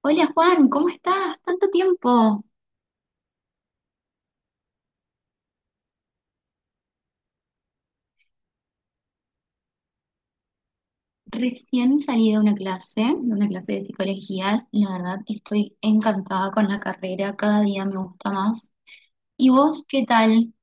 Hola Juan, ¿cómo estás? Tanto tiempo. Recién salí de una clase, de una clase de psicología. La verdad, estoy encantada con la carrera, cada día me gusta más. ¿Y vos qué tal?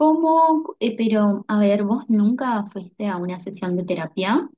¿Cómo? Pero, a ver, ¿vos nunca fuiste a una sesión de terapia?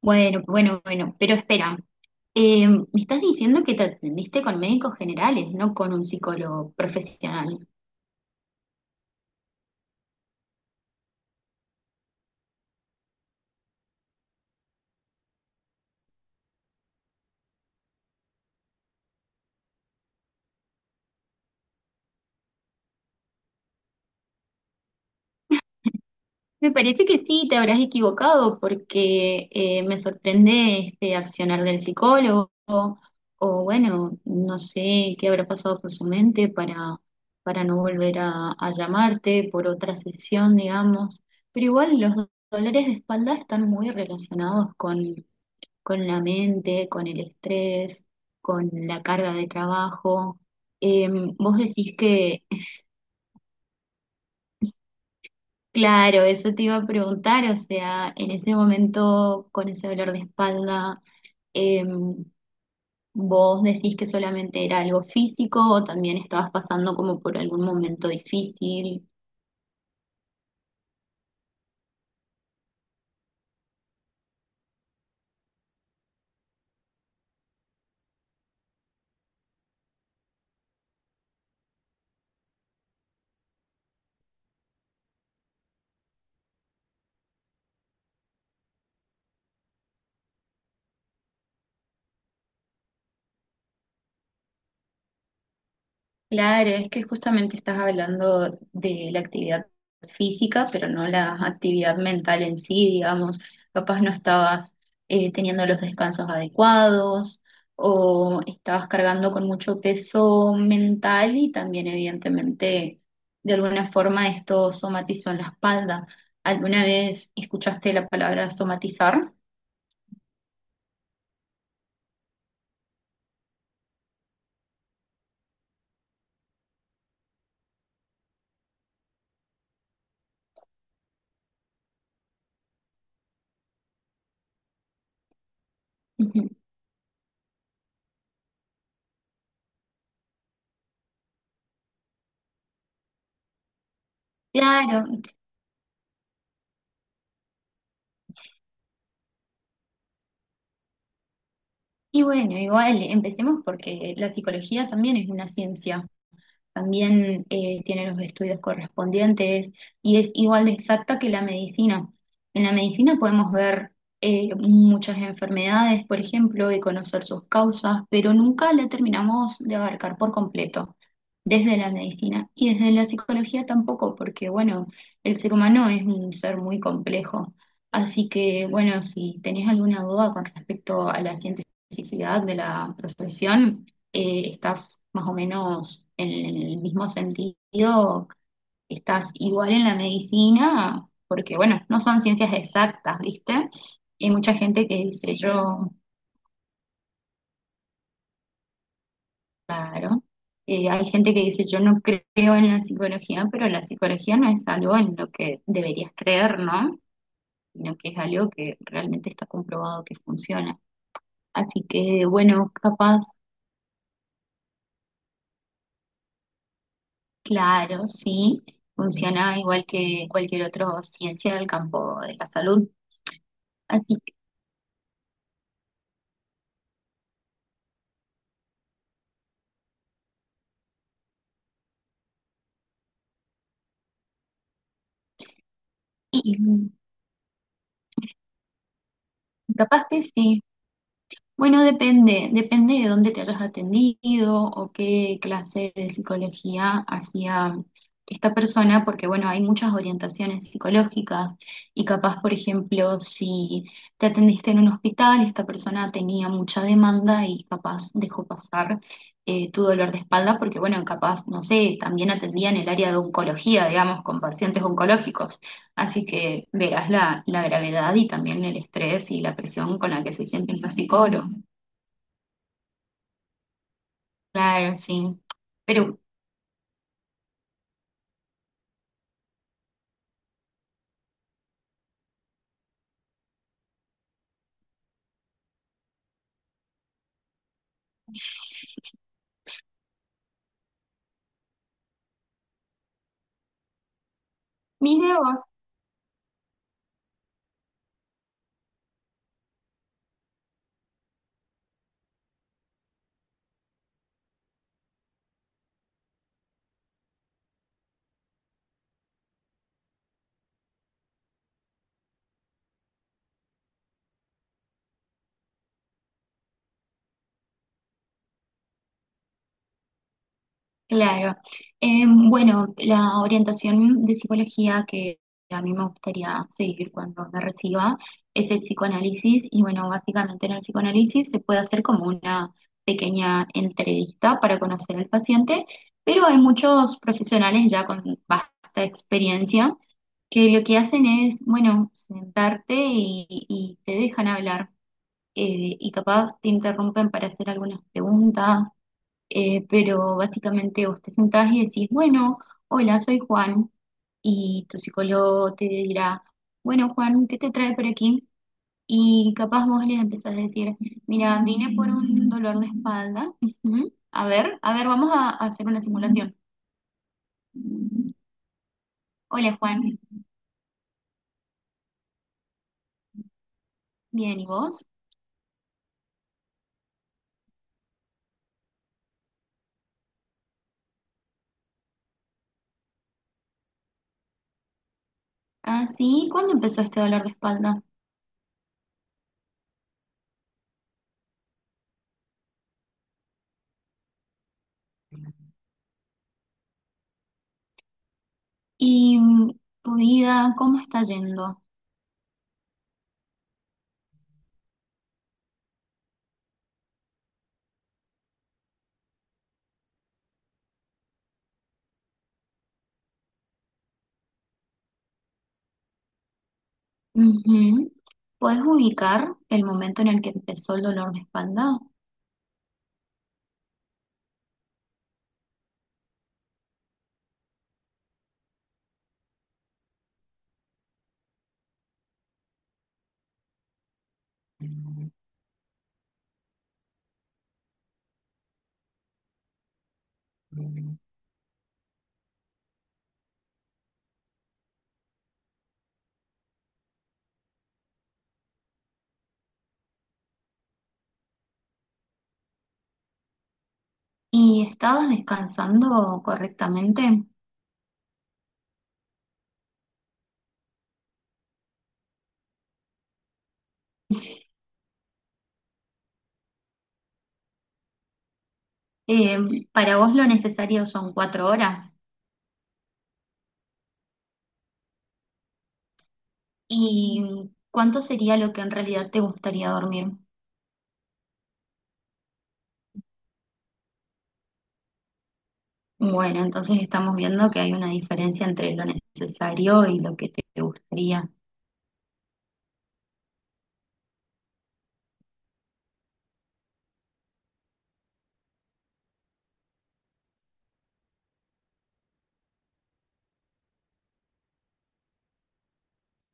Bueno, bueno, bueno, pero espera. Me estás diciendo que te atendiste con médicos generales, no con un psicólogo profesional. Me parece que sí, te habrás equivocado porque me sorprende este accionar del psicólogo o bueno, no sé qué habrá pasado por su mente para no volver a llamarte por otra sesión, digamos. Pero igual los dolores de espalda están muy relacionados con la mente, con el estrés, con la carga de trabajo. Vos decís. Claro, eso te iba a preguntar, o sea, en ese momento con ese dolor de espalda, em, ¿vos decís que solamente era algo físico o también estabas pasando como por algún momento difícil? Claro, es que justamente estás hablando de la actividad física, pero no la actividad mental en sí, digamos. Capaz no estabas teniendo los descansos adecuados o estabas cargando con mucho peso mental y también evidentemente de alguna forma esto somatizó en la espalda. ¿Alguna vez escuchaste la palabra somatizar? Ujú. Claro, y bueno, igual empecemos porque la psicología también es una ciencia. También tiene los estudios correspondientes y es igual de exacta que la medicina. En la medicina podemos ver muchas enfermedades, por ejemplo, y conocer sus causas, pero nunca la terminamos de abarcar por completo. Desde la medicina y desde la psicología tampoco, porque bueno, el ser humano es un ser muy complejo. Así que bueno, si tenés alguna duda con respecto a la cientificidad de la profesión, estás más o menos en el mismo sentido, estás igual en la medicina, porque bueno, no son ciencias exactas, ¿viste? Hay mucha gente que dice yo, claro, hay gente que dice yo no creo en la psicología, pero la psicología no es algo en lo que deberías creer, ¿no? Sino que es algo que realmente está comprobado que funciona. Así que bueno, capaz. Claro, sí, funciona igual que cualquier otra ciencia del campo de la salud. Así que y, capaz que sí, bueno, depende, depende de dónde te hayas atendido o qué clase de psicología hacía esta persona, porque bueno, hay muchas orientaciones psicológicas y capaz, por ejemplo, si te atendiste en un hospital, esta persona tenía mucha demanda y capaz dejó pasar tu dolor de espalda, porque bueno, capaz, no sé, también atendía en el área de oncología, digamos, con pacientes oncológicos. Así que verás la, la gravedad y también el estrés y la presión con la que se sienten los psicólogos. Claro, sí. Pero mire vos, claro. Eh, bueno, la orientación de psicología que a mí me gustaría seguir cuando me reciba es el psicoanálisis y bueno, básicamente en el psicoanálisis se puede hacer como una pequeña entrevista para conocer al paciente, pero hay muchos profesionales ya con vasta experiencia que lo que hacen es, bueno, sentarte y te dejan hablar. Y capaz te interrumpen para hacer algunas preguntas, pero básicamente vos te sentás y decís, bueno, hola, soy Juan, y tu psicólogo te dirá, bueno, Juan, ¿qué te trae por aquí? Y capaz vos les empezás a decir, mira, vine por un dolor de espalda. Ujú. A ver, vamos a hacer una simulación. Hola Juan, bien, ¿y vos? Ah, sí, ¿cuándo empezó este dolor de espalda? ¿Y tu vida, cómo está yendo? Ujú. ¿Puedes ubicar el momento en el que empezó el dolor de espalda? ¿Y estabas descansando correctamente? ¿Para vos lo necesario son 4 horas? ¿Y cuánto sería lo que en realidad te gustaría dormir? Bueno, entonces estamos viendo que hay una diferencia entre lo necesario y lo que te gustaría.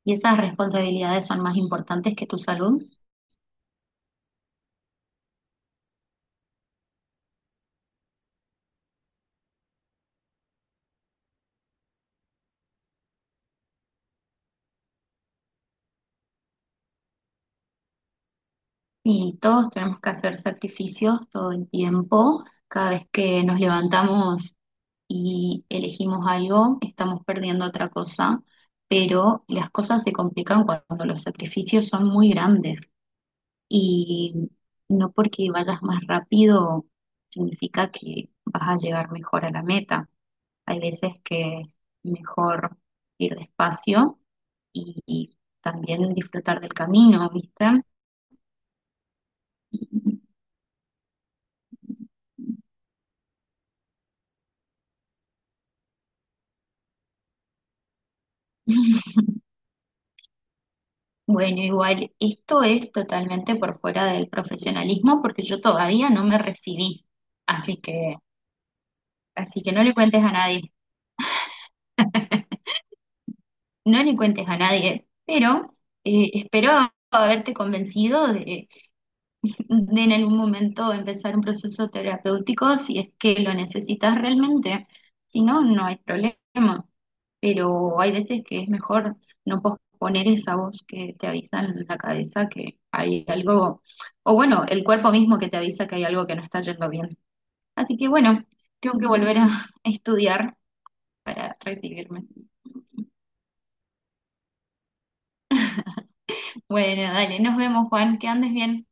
¿Y esas responsabilidades son más importantes que tu salud? Y todos tenemos que hacer sacrificios todo el tiempo. Cada vez que nos levantamos y elegimos algo, estamos perdiendo otra cosa, pero las cosas se complican cuando los sacrificios son muy grandes y no porque vayas más rápido significa que vas a llegar mejor a la meta. Hay veces que es mejor ir despacio y también disfrutar del camino, ¿viste? Bueno, igual, esto es totalmente por fuera del profesionalismo porque yo todavía no me recibí, así que así que no le cuentes a nadie, no le cuentes a nadie, pero espero haberte convencido de en algún momento empezar un proceso terapéutico si es que lo necesitas realmente, si no, no hay problema, pero hay veces que es mejor no posponer esa voz que te avisa en la cabeza que hay algo, o bueno, el cuerpo mismo que te avisa que hay algo que no está yendo bien. Así que bueno, tengo que volver a estudiar para recibirme. Bueno, dale, nos vemos, Juan, que andes bien.